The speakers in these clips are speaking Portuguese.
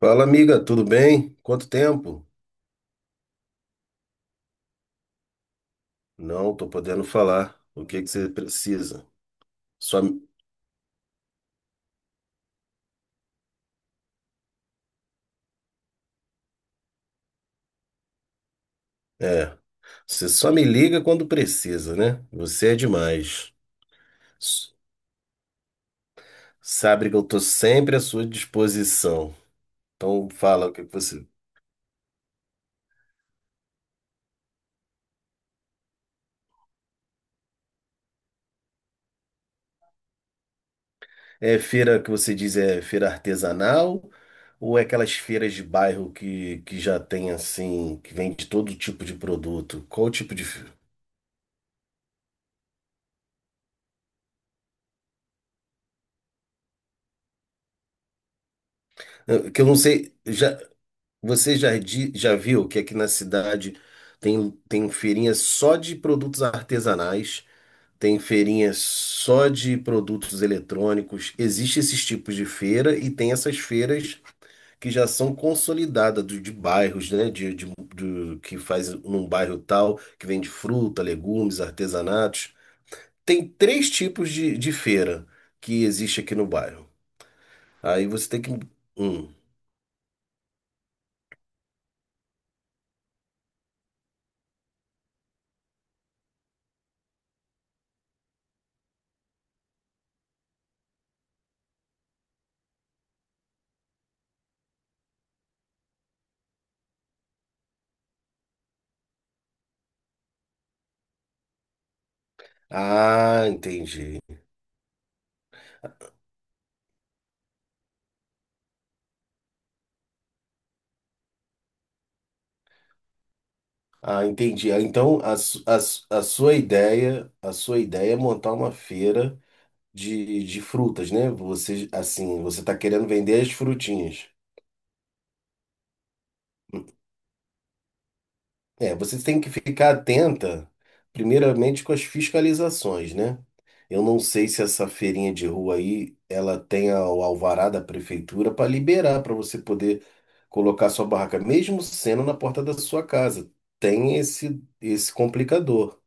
Fala, amiga, tudo bem? Quanto tempo? Não, tô podendo falar. O que que você precisa? Só, é, você só me liga quando precisa, né? Você é demais. S- Sabe que eu tô sempre à sua disposição. Então fala o que que você. É feira que você diz é feira artesanal ou é aquelas feiras de bairro que já tem assim, que vende todo tipo de produto? Qual o tipo de que eu não sei, já você já, já viu que aqui na cidade tem feirinha só de produtos artesanais, tem feirinha só de produtos eletrônicos, existe esses tipos de feira e tem essas feiras que já são consolidadas de bairros, né? Que faz num bairro tal, que vende fruta, legumes, artesanatos. Tem três tipos de feira que existe aqui no bairro. Aí você tem que. Hum. Ah, entendi, Ah, entendi. Ah, então, a sua ideia é montar uma feira de frutas, né? Você, assim, você está querendo vender as frutinhas. É, você tem que ficar atenta, primeiramente, com as fiscalizações, né? Eu não sei se essa feirinha de rua aí, ela tem o alvará da prefeitura para liberar, para você poder colocar sua barraca, mesmo sendo na porta da sua casa. Tem esse complicador.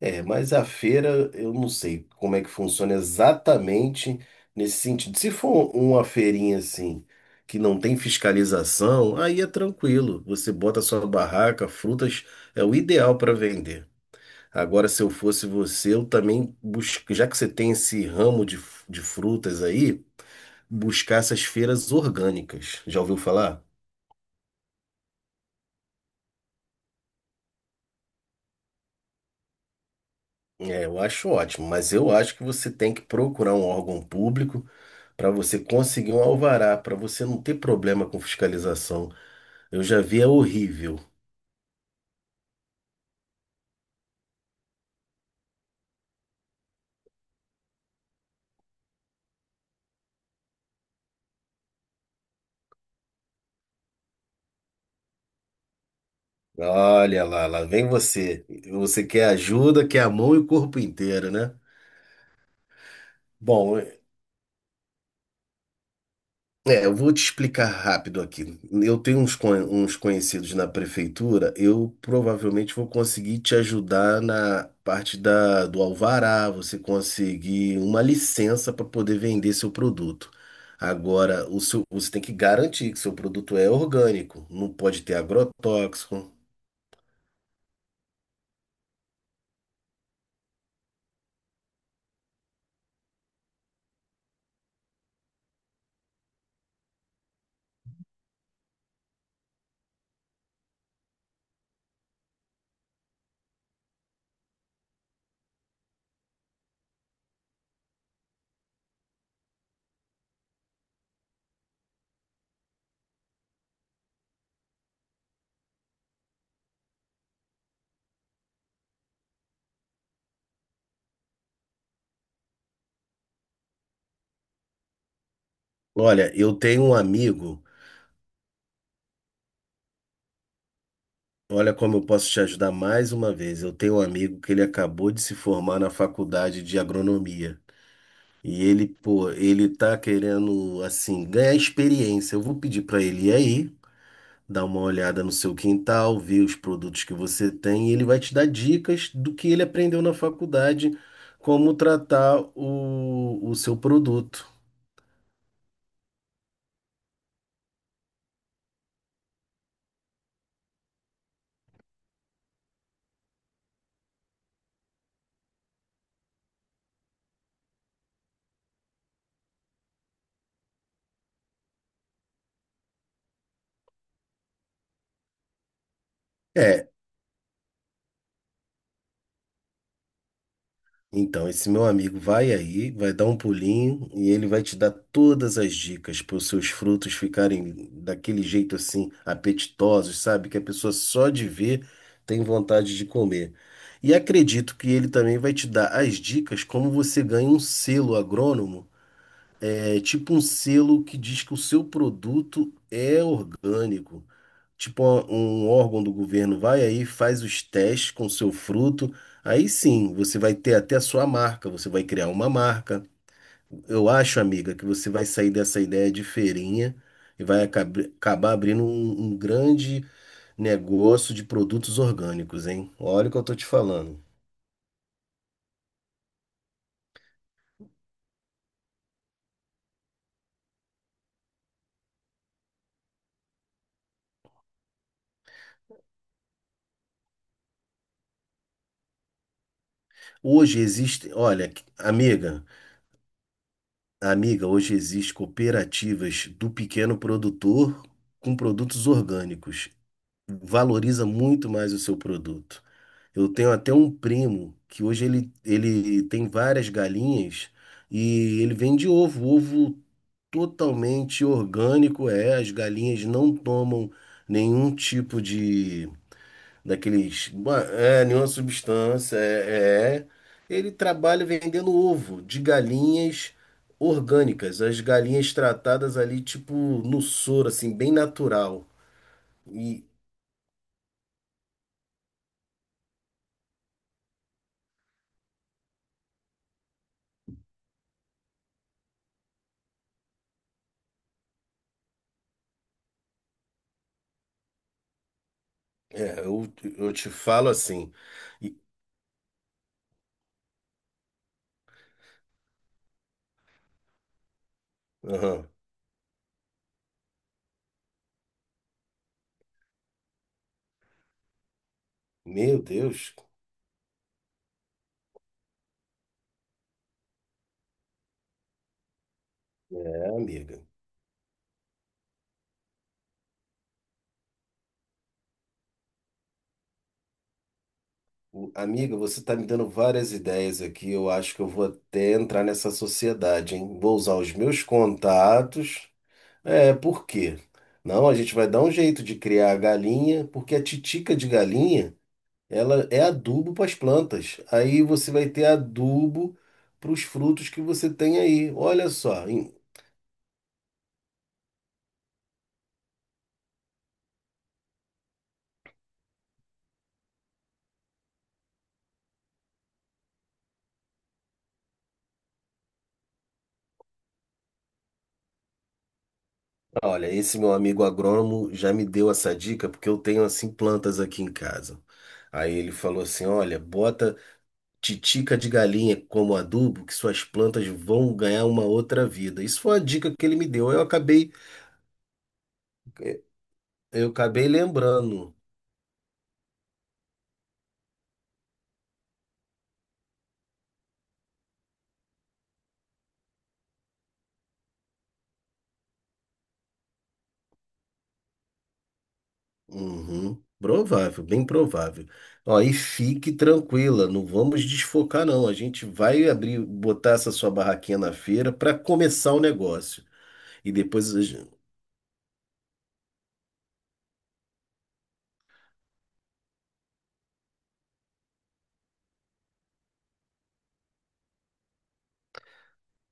É, mas a feira, eu não sei como é que funciona exatamente nesse sentido. Se for um, uma feirinha assim, que não tem fiscalização, aí é tranquilo. Você bota sua barraca, frutas, é o ideal para vender. Agora, se eu fosse você, eu também busco, já que você tem esse ramo de frutas aí, buscar essas feiras orgânicas. Já ouviu falar? É, eu acho ótimo, mas eu acho que você tem que procurar um órgão público para você conseguir um alvará, para você não ter problema com fiscalização. Eu já vi, é horrível. Olha lá, lá vem você. Você quer ajuda, quer a mão e o corpo inteiro, né? Bom, é, eu vou te explicar rápido aqui. Eu tenho uns, uns conhecidos na prefeitura, eu provavelmente vou conseguir te ajudar na parte do alvará, você conseguir uma licença para poder vender seu produto. Agora, o seu, você tem que garantir que seu produto é orgânico, não pode ter agrotóxico. Olha, eu tenho um amigo, olha como eu posso te ajudar mais uma vez. Eu tenho um amigo que ele acabou de se formar na faculdade de agronomia. E ele, pô, ele tá querendo, assim, ganhar experiência. Eu vou pedir pra ele ir aí, dar uma olhada no seu quintal, ver os produtos que você tem, e ele vai te dar dicas do que ele aprendeu na faculdade, como tratar o seu produto. É então, esse meu amigo vai aí, vai dar um pulinho e ele vai te dar todas as dicas para os seus frutos ficarem daquele jeito assim, apetitosos, sabe? Que a pessoa só de ver tem vontade de comer. E acredito que ele também vai te dar as dicas como você ganha um selo agrônomo. É tipo um selo que diz que o seu produto é orgânico, tipo um órgão do governo vai aí, faz os testes com o seu fruto. Aí sim, você vai ter até a sua marca, você vai criar uma marca. Eu acho, amiga, que você vai sair dessa ideia de feirinha e vai acabar abrindo um, um grande negócio de produtos orgânicos, hein? Olha o que eu tô te falando. Hoje existe, olha, amiga, amiga, hoje existe cooperativas do pequeno produtor com produtos orgânicos, valoriza muito mais o seu produto. Eu tenho até um primo que hoje ele tem várias galinhas e ele vende ovo, ovo totalmente orgânico, é, as galinhas não tomam nenhum tipo de daqueles, é, nenhuma substância, é. Ele trabalha vendendo ovo de galinhas orgânicas, as galinhas tratadas ali tipo no soro, assim, bem natural. E é, eu te falo assim. e- Aham. Meu Deus, é, amiga. Amiga, você está me dando várias ideias aqui. Eu acho que eu vou até entrar nessa sociedade, hein? Vou usar os meus contatos. É, por quê? Não, a gente vai dar um jeito de criar a galinha, porque a titica de galinha, ela é adubo para as plantas. Aí você vai ter adubo para os frutos que você tem aí. Olha só, olha, esse meu amigo agrônomo já me deu essa dica porque eu tenho assim plantas aqui em casa. Aí ele falou assim: "Olha, bota titica de galinha como adubo que suas plantas vão ganhar uma outra vida". Isso foi uma dica que ele me deu. Eu acabei lembrando. Uhum, provável, bem provável. Ó, e fique tranquila, não vamos desfocar não. A gente vai abrir, botar essa sua barraquinha na feira para começar o negócio. E depois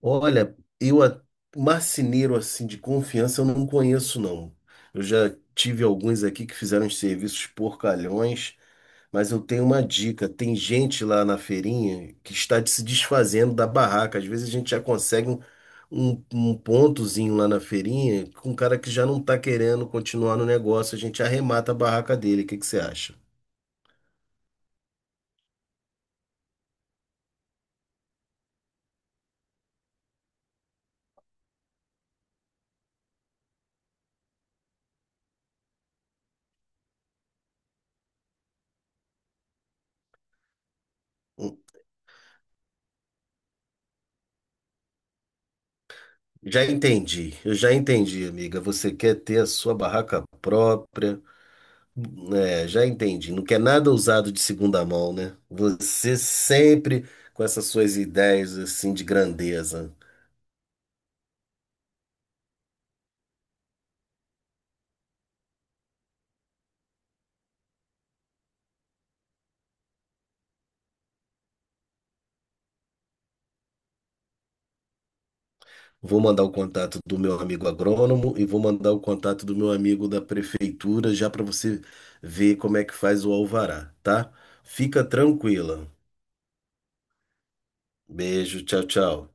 olha, marceneiro assim de confiança eu não conheço não. Eu já tive alguns aqui que fizeram uns serviços porcalhões, mas eu tenho uma dica. Tem gente lá na feirinha que está se desfazendo da barraca. Às vezes a gente já consegue um, um pontozinho lá na feirinha com um cara que já não está querendo continuar no negócio. A gente arremata a barraca dele. O que que você acha? Hum, Já entendi, eu já entendi, amiga. Você quer ter a sua barraca própria. É, já entendi. Não quer nada usado de segunda mão, né? Você sempre com essas suas ideias assim de grandeza. Vou mandar o contato do meu amigo agrônomo e vou mandar o contato do meu amigo da prefeitura já para você ver como é que faz o alvará, tá? Fica tranquila. Beijo, tchau, tchau.